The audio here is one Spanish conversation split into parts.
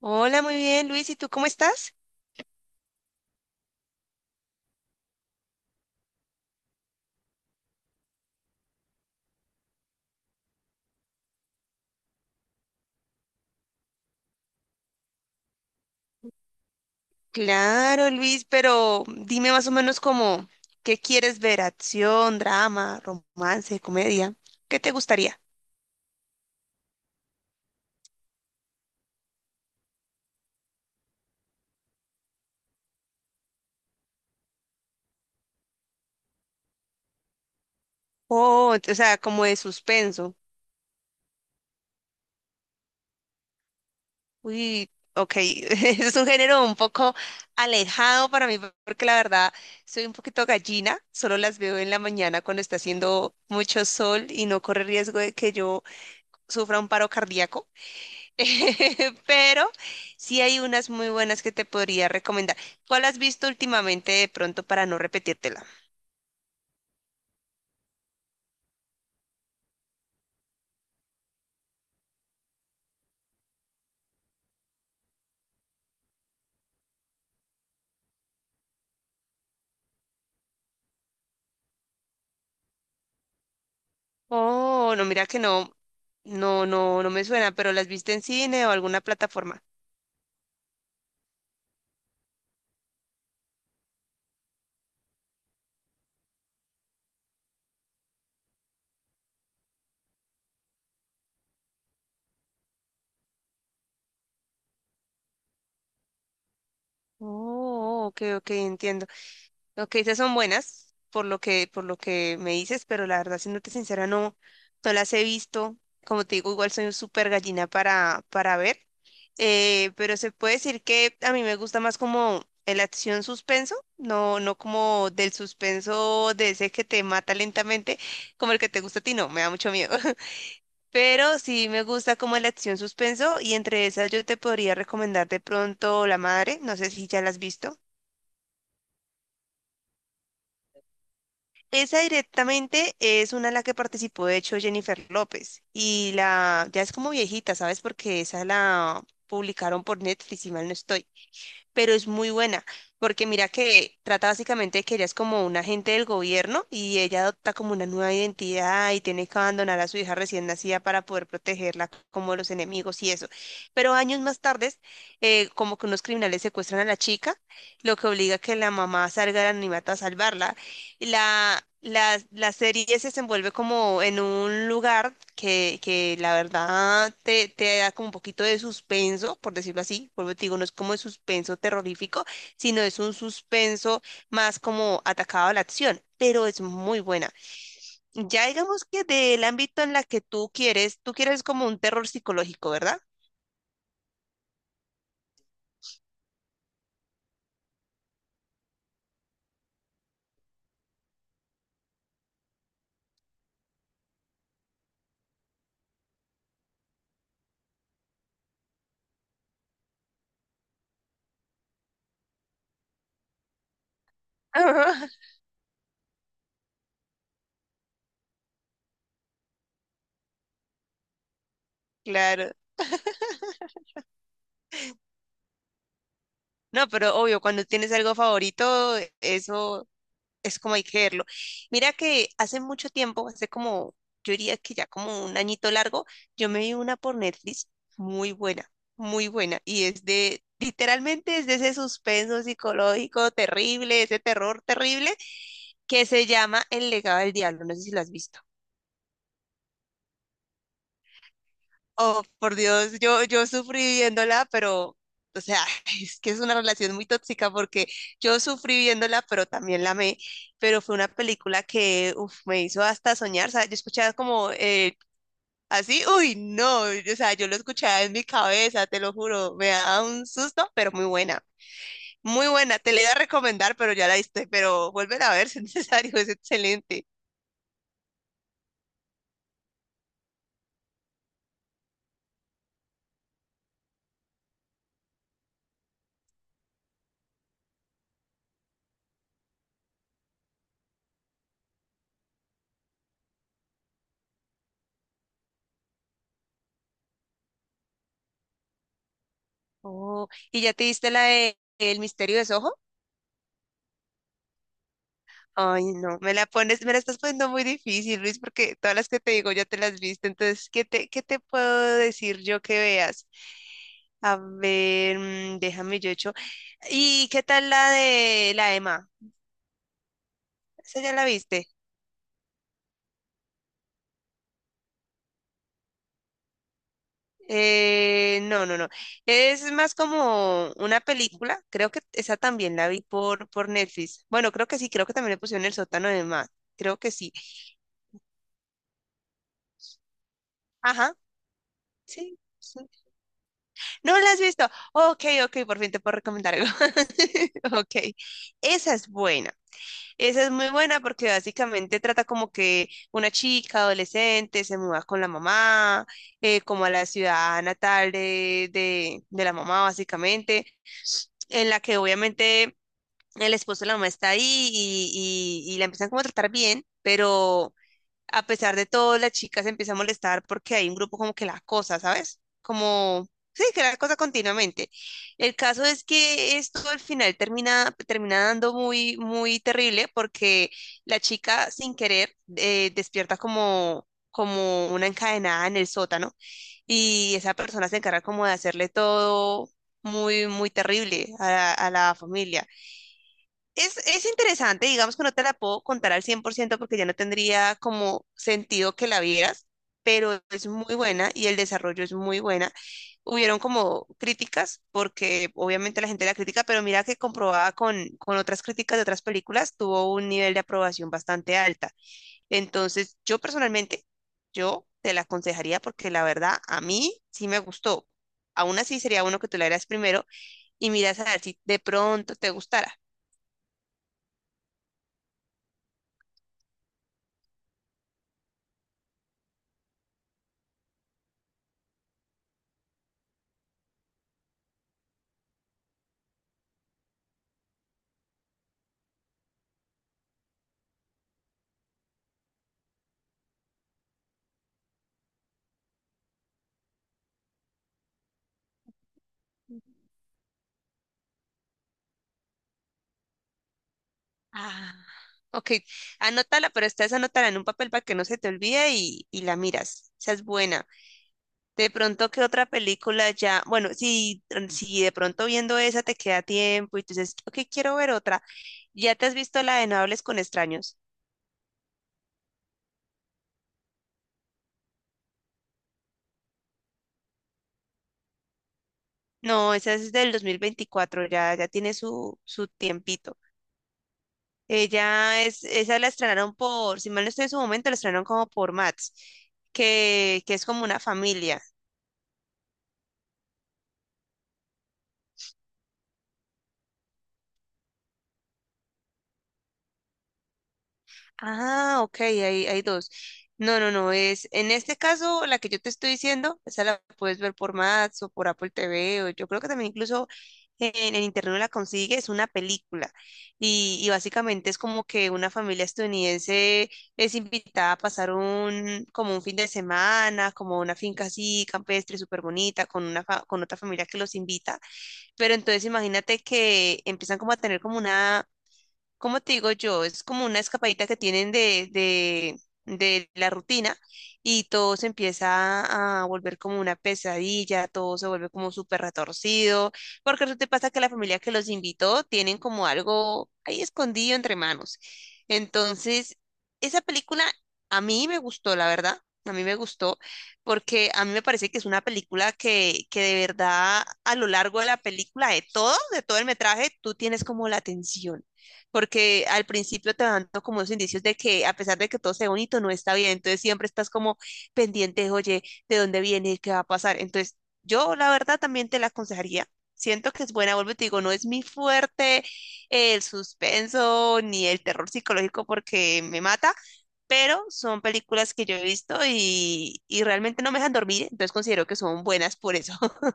Hola, muy bien, Luis. ¿Y tú cómo estás? Claro, Luis, pero dime más o menos como, ¿qué quieres ver? ¿Acción, drama, romance, comedia? ¿Qué te gustaría? O sea, como de suspenso. Uy, ok, es un género un poco alejado para mí porque la verdad soy un poquito gallina, solo las veo en la mañana cuando está haciendo mucho sol y no corre riesgo de que yo sufra un paro cardíaco, pero sí hay unas muy buenas que te podría recomendar. ¿Cuál has visto últimamente de pronto para no repetírtela? Oh, no, mira que no, no, no, no me suena, pero ¿las viste en cine o alguna plataforma? Oh, ok, ok, entiendo. Lo que dices son buenas, por lo que me dices, pero la verdad, siéndote sincera, no, no las he visto. Como te digo, igual soy un súper gallina para ver. Pero se puede decir que a mí me gusta más como el acción suspenso, no, no como del suspenso de ese que te mata lentamente, como el que te gusta a ti, no, me da mucho miedo. Pero sí me gusta como la acción suspenso, y entre esas yo te podría recomendar de pronto La Madre, no sé si ya la has visto. Esa directamente es una en la que participó, de hecho, Jennifer López. Y la ya es como viejita, ¿sabes? Porque esa la publicaron por Netflix, si mal no estoy. Pero es muy buena, porque mira que trata básicamente de que ella es como un agente del gobierno y ella adopta como una nueva identidad y tiene que abandonar a su hija recién nacida para poder protegerla como de los enemigos y eso. Pero años más tarde, como que unos criminales secuestran a la chica, lo que obliga a que la mamá salga del anonimato a salvarla. La serie se desenvuelve como en un lugar que la verdad te da como un poquito de suspenso, por decirlo así. Vuelvo y te digo, no es como de suspenso terrorífico, sino es un suspenso más como atacado a la acción, pero es muy buena. Ya digamos que del ámbito en la que tú quieres como un terror psicológico, ¿verdad? Claro. No, pero obvio, cuando tienes algo favorito, eso es como hay que verlo. Mira que hace mucho tiempo, hace como, yo diría que ya como un añito largo, yo me vi una por Netflix muy buena, muy buena. Y es de, literalmente es de ese suspenso psicológico terrible, ese terror terrible, que se llama El legado del diablo. No sé si lo has visto. Oh, por Dios, yo sufrí viéndola, pero, o sea, es que es una relación muy tóxica porque yo sufrí viéndola, pero también la amé, pero fue una película que, uf, me hizo hasta soñar, o sea, yo escuchaba como así, uy, no, o sea, yo lo escuchaba en mi cabeza, te lo juro, me da un susto, pero muy buena, te la iba a recomendar, pero ya la viste, pero vuelven a ver si es necesario, es excelente. Oh, ¿y ya te viste la de El misterio de Soho? Ay, no, me la pones, me la estás poniendo muy difícil, Luis, porque todas las que te digo ya te las viste. Entonces, ¿qué te puedo decir yo que veas? A ver, déjame yo hecho. ¿Y qué tal la de la Emma? ¿Esa ya la viste? No, no, no. Es más como una película. Creo que esa también la vi por Netflix. Bueno, creo que sí, creo que también le pusieron el sótano de Emma. Creo que sí. Ajá, sí. Sí. No la has visto. Ok, ok, por fin te puedo recomendar algo. Ok, esa es buena. Esa es muy buena porque básicamente trata como que una chica adolescente se muda con la mamá, como a la ciudad natal de la mamá, básicamente, en la que obviamente el esposo de la mamá está ahí y la empiezan como a tratar bien, pero a pesar de todo, la chica se empieza a molestar porque hay un grupo como que la acosa, ¿sabes? Como, sí, que la acosa continuamente. El caso es que esto al final termina dando muy, muy terrible porque la chica sin querer despierta como, como una encadenada en el sótano y esa persona se encarga como de hacerle todo muy, muy terrible a, a la familia. Es interesante, digamos que no te la puedo contar al 100% porque ya no tendría como sentido que la vieras, pero es muy buena y el desarrollo es muy buena. Hubieron como críticas, porque obviamente la gente la critica, pero mira que comprobada con otras críticas de otras películas, tuvo un nivel de aprobación bastante alta. Entonces, yo personalmente, yo te la aconsejaría porque la verdad a mí sí me gustó. Aún así sería bueno que tú la vieras primero y miras a ver si de pronto te gustara. Ah, ok, anótala, pero esta vez anótala en un papel para que no se te olvide y la miras. Esa es buena. De pronto, ¿qué otra película ya? Bueno, si, si de pronto viendo esa te queda tiempo y tú dices, ok, quiero ver otra. ¿Ya te has visto la de No hables con extraños? No, esa es del 2024. Ya, ya tiene su tiempito. Ella es, esa la estrenaron por, si mal no estoy en su momento, la estrenaron como por Mats, que es como una familia. Ah, ok, hay dos. No, no, no, es en este caso la que yo te estoy diciendo, esa la puedes ver por Max o por Apple TV, o yo creo que también incluso en internet la consigues, es una película. Y básicamente es como que una familia estadounidense es invitada a pasar un, como un fin de semana, como una finca así, campestre, súper bonita, con una con otra familia que los invita. Pero entonces imagínate que empiezan como a tener como una como te digo yo, es como una escapadita que tienen de la rutina y todo se empieza a volver como una pesadilla, todo se vuelve como súper retorcido, porque resulta y pasa que la familia que los invitó tienen como algo ahí escondido entre manos. Entonces, esa película a mí me gustó, la verdad. A mí me gustó porque a mí me parece que es una película que de verdad a lo largo de la película, de todo el metraje, tú tienes como la atención porque al principio te van dando como esos indicios de que a pesar de que todo sea bonito, no está bien, entonces siempre estás como pendiente, oye, ¿de dónde viene? ¿Qué va a pasar? Entonces, yo la verdad también te la aconsejaría. Siento que es buena, vuelvo y te digo, no es mi fuerte el suspenso ni el terror psicológico porque me mata, pero son películas que yo he visto y realmente no me dejan dormir, entonces considero que son buenas por eso.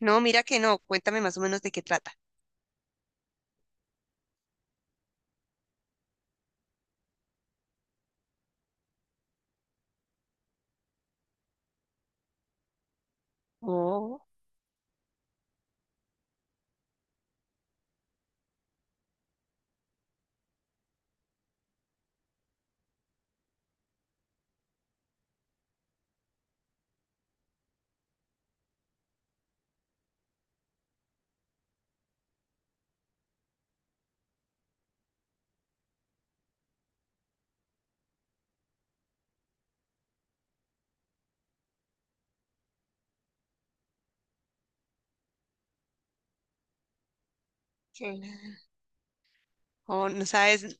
No, mira que no, cuéntame más o menos de qué trata. Oh, qué- Oh, no sabes,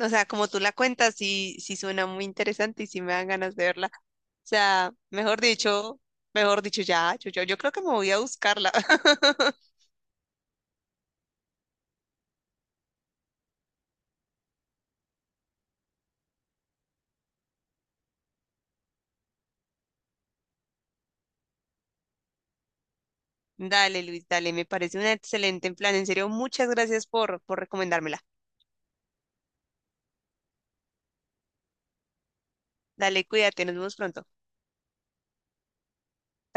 o sea, como tú la cuentas, sí, sí suena muy interesante y sí me dan ganas de verla. O sea, mejor dicho, ya, yo creo que me voy a buscarla. Dale, Luis, dale, me parece un excelente plan. En serio, muchas gracias por recomendármela. Dale, cuídate, nos vemos pronto.